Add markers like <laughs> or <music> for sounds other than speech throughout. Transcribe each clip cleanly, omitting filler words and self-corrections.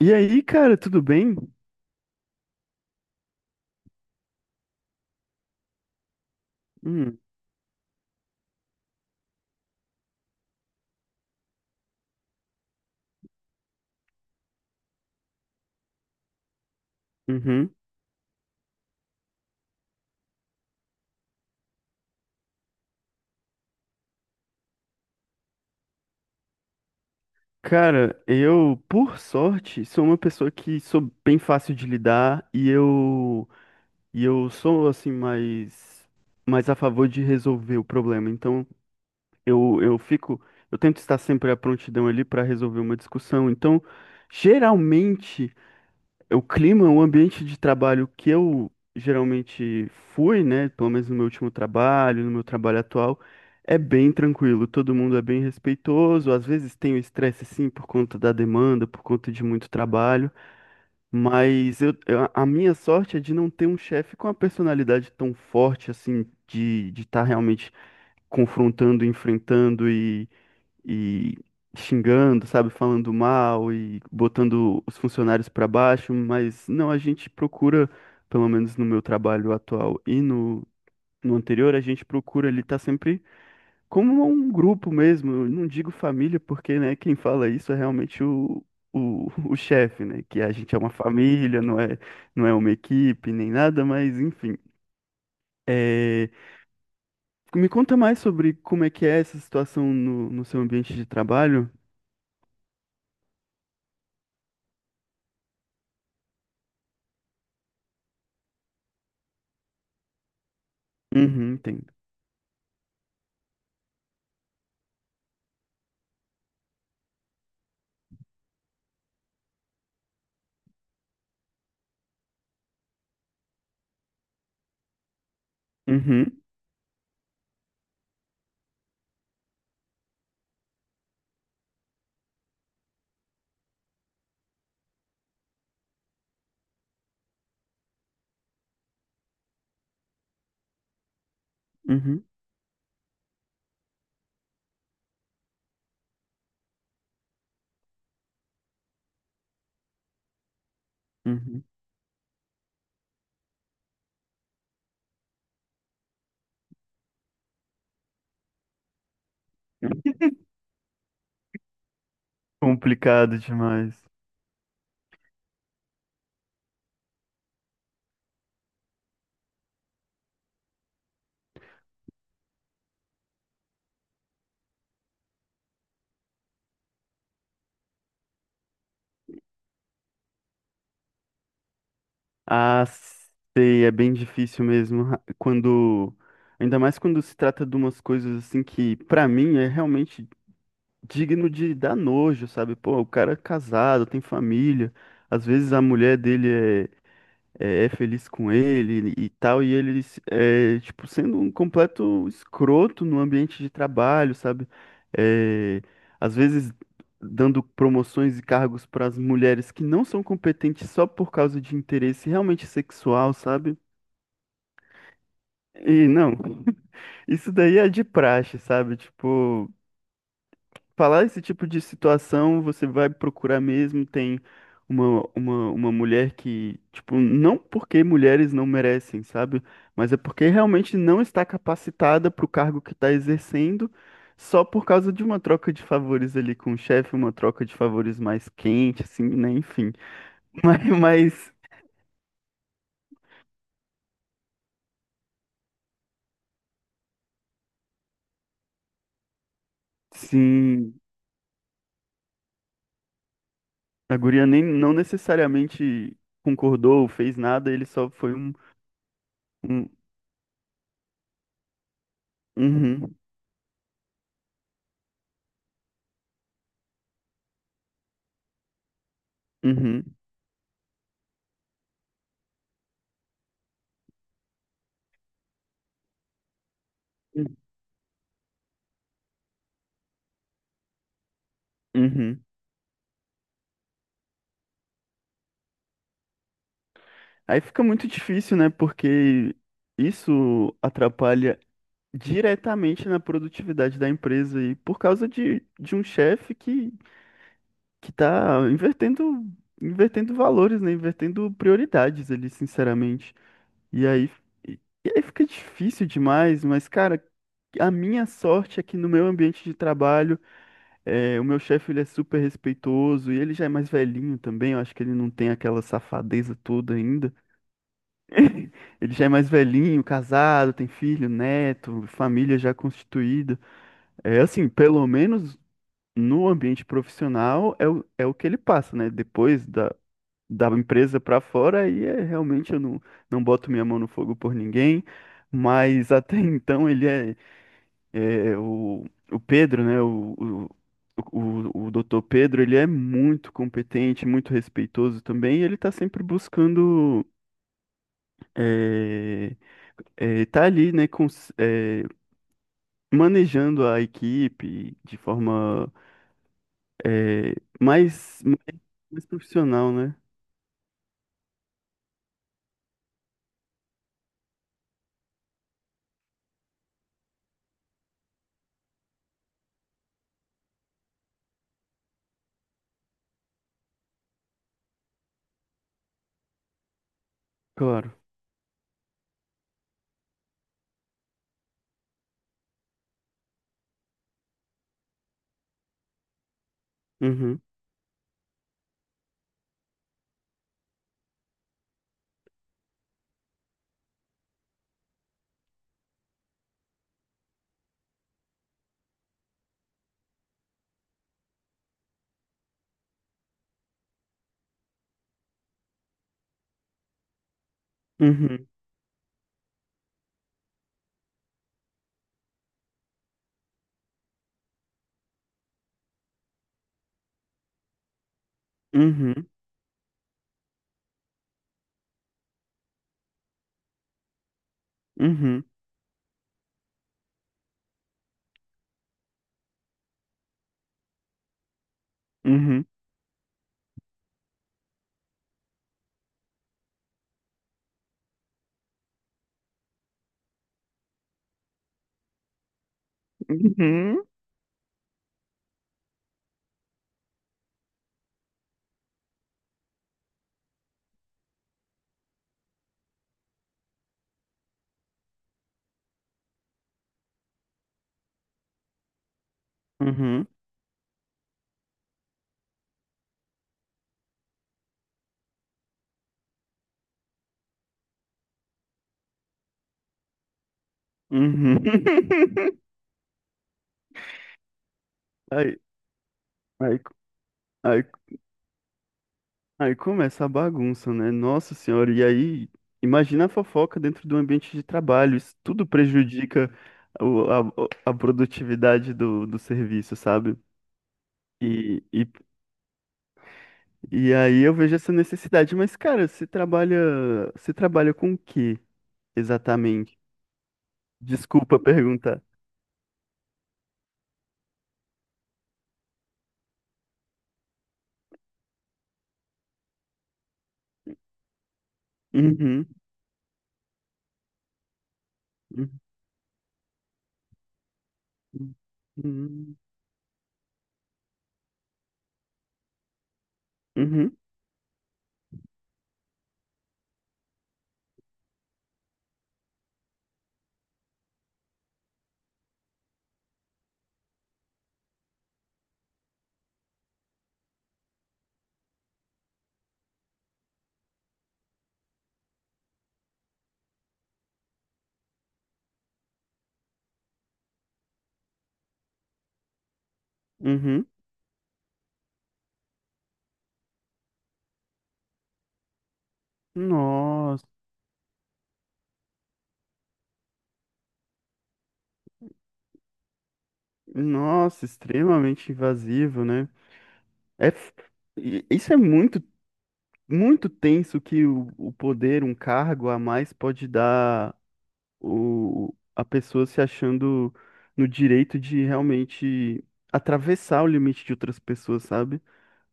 E aí, cara, tudo bem? Hum. Uhum. Cara, eu, por sorte, sou uma pessoa que sou bem fácil de lidar e eu sou assim mais a favor de resolver o problema. Então, eu eu fico, eu tento estar sempre à prontidão ali para resolver uma discussão. Então, geralmente é o clima, o ambiente de trabalho que eu geralmente fui, né, pelo menos no meu último trabalho, no meu trabalho atual, é bem tranquilo. Todo mundo é bem respeitoso, às vezes tem o estresse sim por conta da demanda, por conta de muito trabalho, mas a minha sorte é de não ter um chefe com uma personalidade tão forte assim, de estar realmente confrontando, enfrentando e xingando, sabe, falando mal e botando os funcionários para baixo. Mas não, a gente procura, pelo menos no meu trabalho atual e no anterior, a gente procura ele estar sempre como um grupo mesmo. Eu não digo família, porque, né, quem fala isso é realmente <laughs> o chefe, né? Que a gente é uma família, não é, não é uma equipe nem nada, mas enfim. É, Me conta mais sobre como é que é essa situação no seu ambiente de trabalho. Uhum, tem. Uhum, uhum, uhum. Complicado demais. Ah, sei, é bem difícil mesmo. Ainda mais quando se trata de umas coisas assim que, pra mim, é realmente digno de dar nojo, sabe? Pô, o cara é casado, tem família. Às vezes a mulher dele é feliz com ele e tal, e ele, é, tipo, sendo um completo escroto no ambiente de trabalho, sabe? É, às vezes dando promoções e cargos para as mulheres que não são competentes só por causa de interesse realmente sexual, sabe? E não, <laughs> isso daí é de praxe, sabe? Tipo, falar esse tipo de situação, você vai procurar mesmo, tem uma mulher que, tipo, não porque mulheres não merecem, sabe? Mas é porque realmente não está capacitada para o cargo que está exercendo, só por causa de uma troca de favores ali com o chefe, uma troca de favores mais quente, assim, né? Enfim. <laughs> Mas sim, a guria nem, não necessariamente concordou, fez nada, ele só foi um, um, uhum, uhum, uhum. Aí fica muito difícil, né? Porque isso atrapalha diretamente na produtividade da empresa e por causa de um chefe que tá invertendo, invertendo valores, né? Invertendo prioridades ali, sinceramente. E aí, e e aí fica difícil demais. Mas, cara, a minha sorte é que no meu ambiente de trabalho, o meu chefe ele é super respeitoso e ele já é mais velhinho também. Eu acho que ele não tem aquela safadeza toda ainda. <laughs> Ele já é mais velhinho, casado, tem filho, neto, família já constituída. É assim, pelo menos no ambiente profissional é o que ele passa, né? Depois da empresa pra fora, aí é realmente eu não boto minha mão no fogo por ninguém. Mas <laughs> até então ele é o Pedro, né? O doutor Pedro, ele é muito competente, muito respeitoso também, e ele tá sempre buscando, é, tá ali, né, manejando a equipe de forma é, mais, profissional, né? Claro. Uhum, uhum, uhum, uhum, uhum, uhum, uhum, uhum. <laughs> Aí, aí, aí, aí começa a bagunça, né? Nossa senhora, e aí imagina a fofoca dentro do ambiente de trabalho, isso tudo prejudica a produtividade do serviço, sabe? E, e, e aí eu vejo essa necessidade. Mas, cara, você trabalha com o que exatamente? Desculpa perguntar. Uhum, uhum, uhum, uhum, uhum. Nossa, nossa, extremamente invasivo, né? É, f- isso é muito, muito tenso que o poder, um cargo a mais pode dar, a pessoa se achando no direito de realmente atravessar o limite de outras pessoas, sabe?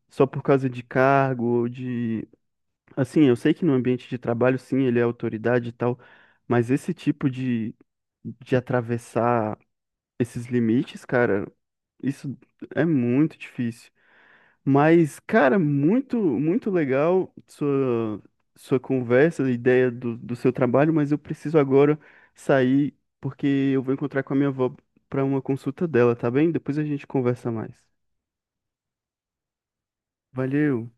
Só por causa de cargo ou de. Assim, eu sei que no ambiente de trabalho, sim, ele é autoridade e tal, mas esse tipo de atravessar esses limites, cara, isso é muito difícil. Mas, cara, muito, muito legal sua conversa, a ideia do seu trabalho, mas eu preciso agora sair porque eu vou encontrar com a minha avó para uma consulta dela, tá bem? Depois a gente conversa mais. Valeu!